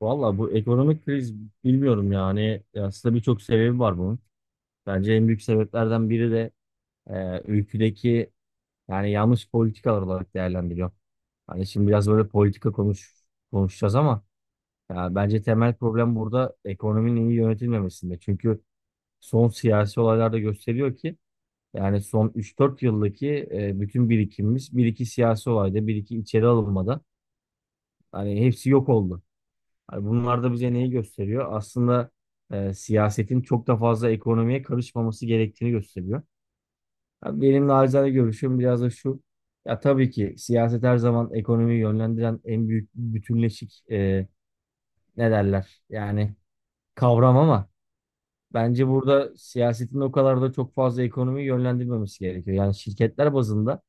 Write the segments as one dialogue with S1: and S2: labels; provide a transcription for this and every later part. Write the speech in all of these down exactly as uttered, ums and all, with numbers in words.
S1: Valla bu ekonomik kriz bilmiyorum yani aslında birçok sebebi var bunun. Bence en büyük sebeplerden biri de e, ülkedeki yani yanlış politikalar olarak değerlendiriyor. Hani şimdi biraz böyle politika konuş konuşacağız ama ya bence temel problem burada ekonominin iyi yönetilmemesinde. Çünkü son siyasi olaylarda gösteriyor ki yani son üç dört yıldaki e, bütün birikimimiz bir iki siyasi olayda bir iki içeri alınmada hani hepsi yok oldu. Hani bunlar da bize neyi gösteriyor? Aslında e, siyasetin çok da fazla ekonomiye karışmaması gerektiğini gösteriyor. Abi benim naçizane görüşüm biraz da şu. Ya tabii ki siyaset her zaman ekonomiyi yönlendiren en büyük bütünleşik e, ne derler? Yani kavram ama bence burada siyasetin o kadar da çok fazla ekonomiyi yönlendirmemesi gerekiyor. Yani şirketler bazında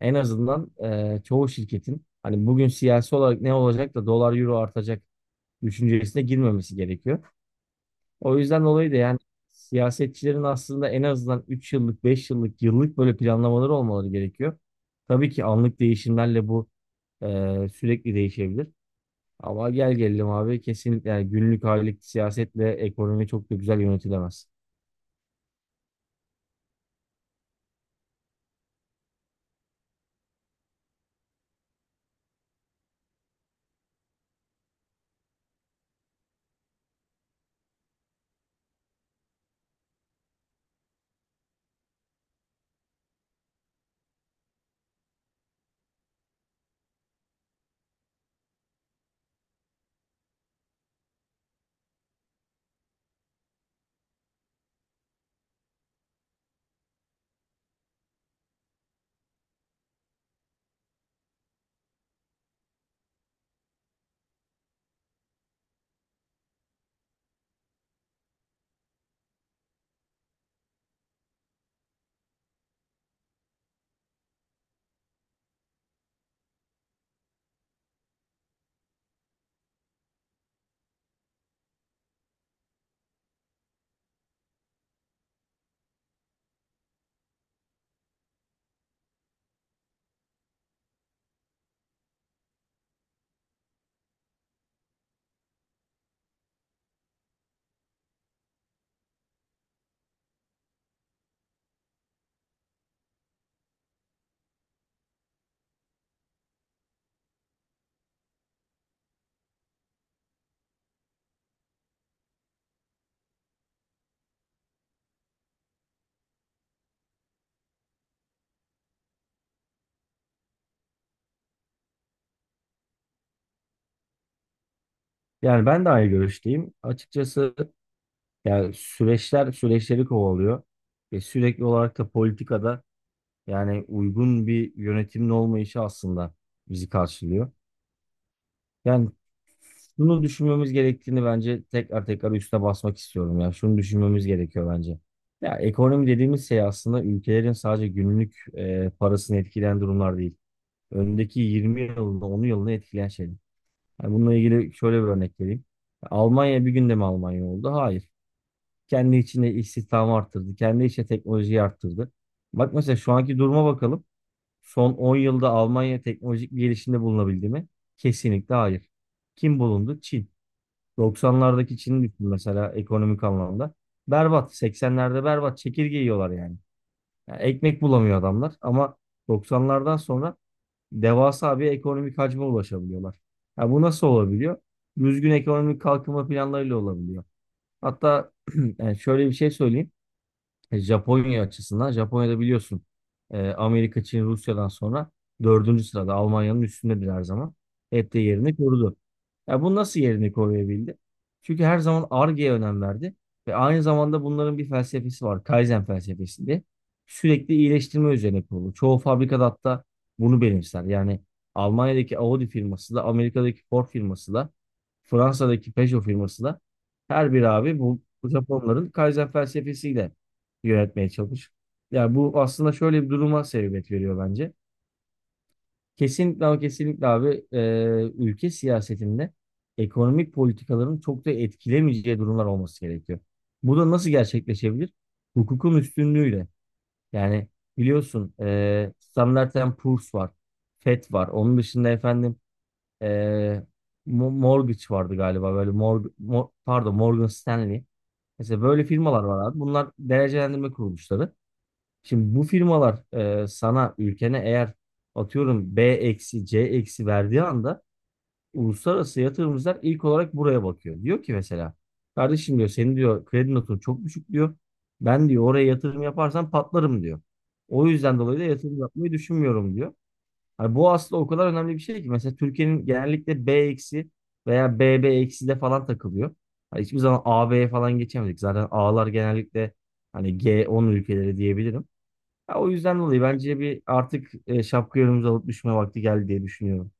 S1: en azından e, çoğu şirketin hani bugün siyasi olarak ne olacak da dolar euro artacak düşüncesine girmemesi gerekiyor. O yüzden dolayı da yani siyasetçilerin aslında en azından üç yıllık, beş yıllık, yıllık böyle planlamaları olmaları gerekiyor. Tabii ki anlık değişimlerle bu e, sürekli değişebilir. Ama gel gelelim abi kesinlikle yani günlük aylık siyasetle ekonomi çok da güzel yönetilemez. Yani ben de aynı görüşteyim. Açıkçası yani süreçler süreçleri kovalıyor. Ve sürekli olarak da politikada yani uygun bir yönetimin olmayışı aslında bizi karşılıyor. Yani bunu düşünmemiz gerektiğini bence tekrar tekrar üstüne basmak istiyorum ya. Şunu düşünmemiz gerekiyor bence. Ya ekonomi dediğimiz şey aslında ülkelerin sadece günlük e, parasını etkileyen durumlar değil. Öndeki yirmi yılını, on yılını etkileyen şeyler. Yani bununla ilgili şöyle bir örnek vereyim. Almanya bir günde mi Almanya oldu? Hayır. Kendi içinde istihdamı arttırdı. Kendi içinde teknolojiyi arttırdı. Bak mesela şu anki duruma bakalım. Son on yılda Almanya teknolojik bir gelişimde bulunabildi mi? Kesinlikle hayır. Kim bulundu? Çin. doksanlardaki Çin'i düşün mesela ekonomik anlamda. Berbat. seksenlerde berbat. Çekirge yiyorlar yani. Yani ekmek bulamıyor adamlar ama doksanlardan sonra devasa bir ekonomik hacme ulaşabiliyorlar. Ya bu nasıl olabiliyor? Düzgün ekonomik kalkınma planlarıyla olabiliyor. Hatta yani şöyle bir şey söyleyeyim. E, Japonya açısından Japonya'da biliyorsun e, Amerika, Çin, Rusya'dan sonra dördüncü sırada Almanya'nın üstündedir her zaman. Hep de yerini korudu. Ya bu nasıl yerini koruyabildi? Çünkü her zaman Ar-Ge'ye önem verdi ve aynı zamanda bunların bir felsefesi var. Kaizen felsefesi diye. Sürekli iyileştirme üzerine kurulu. Çoğu fabrikada hatta bunu benimser. Yani Almanya'daki Audi firması da, Amerika'daki Ford firması da, Fransa'daki Peugeot firması da her bir abi bu bu Japonların Kaizen felsefesiyle yönetmeye çalış. Ya bu aslında şöyle bir duruma sebebiyet veriyor bence. Kesinlikle ama kesinlikle abi e, ülke siyasetinde ekonomik politikaların çok da etkilemeyeceği durumlar olması gerekiyor. Bu da nasıl gerçekleşebilir? Hukukun üstünlüğüyle. Yani biliyorsun e, Standard and Poor's var. FED var. Onun dışında efendim e, Mo- Mortgage vardı galiba böyle Mor Mo- pardon Morgan Stanley. Mesela böyle firmalar var abi. Bunlar derecelendirme kuruluşları. Şimdi bu firmalar e, sana ülkene eğer atıyorum B eksi C eksi verdiği anda uluslararası yatırımcılar ilk olarak buraya bakıyor. Diyor ki mesela kardeşim diyor senin diyor kredi notun çok düşük diyor. Ben diyor oraya yatırım yaparsam patlarım diyor. O yüzden dolayı da yatırım yapmayı düşünmüyorum diyor. Hani bu aslında o kadar önemli bir şey ki mesela Türkiye'nin genellikle B eksi veya b B eksi de falan takılıyor. Hani hiçbir zaman a AB'ye falan geçemedik. Zaten A'lar genellikle hani g on ülkeleri diyebilirim. Ya o yüzden dolayı bence bir artık e, şapka yorumumuzu alıp düşme vakti geldi diye düşünüyorum.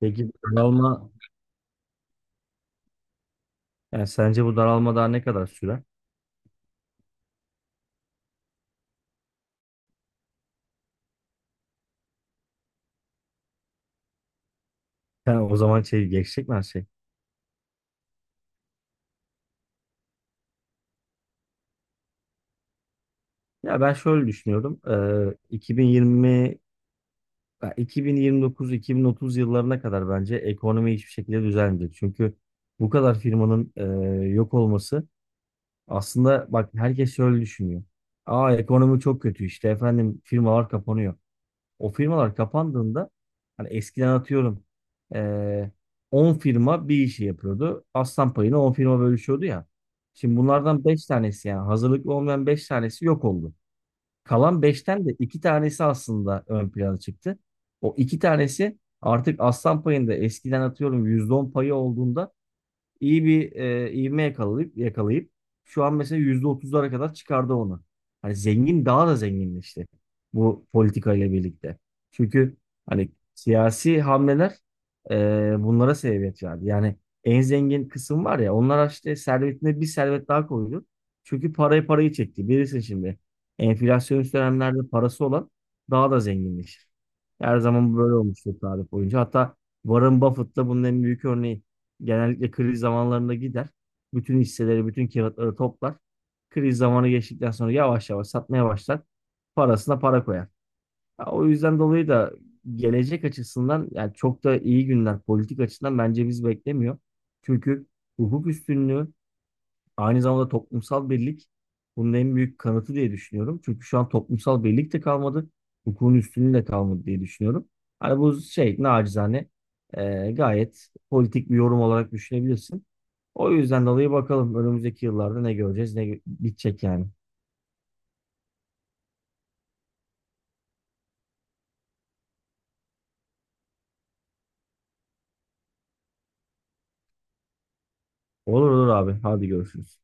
S1: Peki bu daralma, yani sence bu daralma daha ne kadar sürer? Yani o zaman şey geçecek mi her şey? Ya ben şöyle düşünüyorum. E, iki bin yirmi ya iki bin yirmi dokuz-iki bin otuz yıllarına kadar bence ekonomi hiçbir şekilde düzelmeyecek. Çünkü bu kadar firmanın e, yok olması aslında bak herkes şöyle düşünüyor. Aa ekonomi çok kötü işte efendim firmalar kapanıyor. O firmalar kapandığında hani eskiden atıyorum eee on firma bir işi yapıyordu. Aslan payını on firma bölüşüyordu ya. Şimdi bunlardan beş tanesi yani hazırlıklı olmayan beş tanesi yok oldu. Kalan beşten de iki tanesi aslında ön plana çıktı. O iki tanesi artık aslan payında eskiden atıyorum yüzde on payı olduğunda iyi bir e, ivme yakalayıp yakalayıp şu an mesela yüzde otuzlara kadar çıkardı onu. Hani zengin daha da zenginleşti bu politikayla birlikte. Çünkü hani siyasi hamleler e, bunlara sebebiyet verdi. Yani en zengin kısım var ya onlar işte servetine bir servet daha koydu. Çünkü parayı parayı çekti. Bilirsin şimdi enflasyonist dönemlerde parası olan daha da zenginleşir. Her zaman böyle olmuştur tarih boyunca. Hatta Warren Buffett da bunun en büyük örneği. Genellikle kriz zamanlarında gider. Bütün hisseleri, bütün kağıtları toplar. Kriz zamanı geçtikten sonra yavaş yavaş satmaya başlar. Parasına para koyar. Ya, o yüzden dolayı da gelecek açısından yani çok da iyi günler politik açıdan bence biz beklemiyor. Çünkü hukuk üstünlüğü aynı zamanda toplumsal birlik bunun en büyük kanıtı diye düşünüyorum. Çünkü şu an toplumsal birlik de kalmadı. Hukukun üstünlüğü de kalmadı diye düşünüyorum. Hani bu şey nacizane e, gayet politik bir yorum olarak düşünebilirsin. O yüzden dolayı bakalım önümüzdeki yıllarda ne göreceğiz ne bitecek yani. Olur olur abi hadi görüşürüz.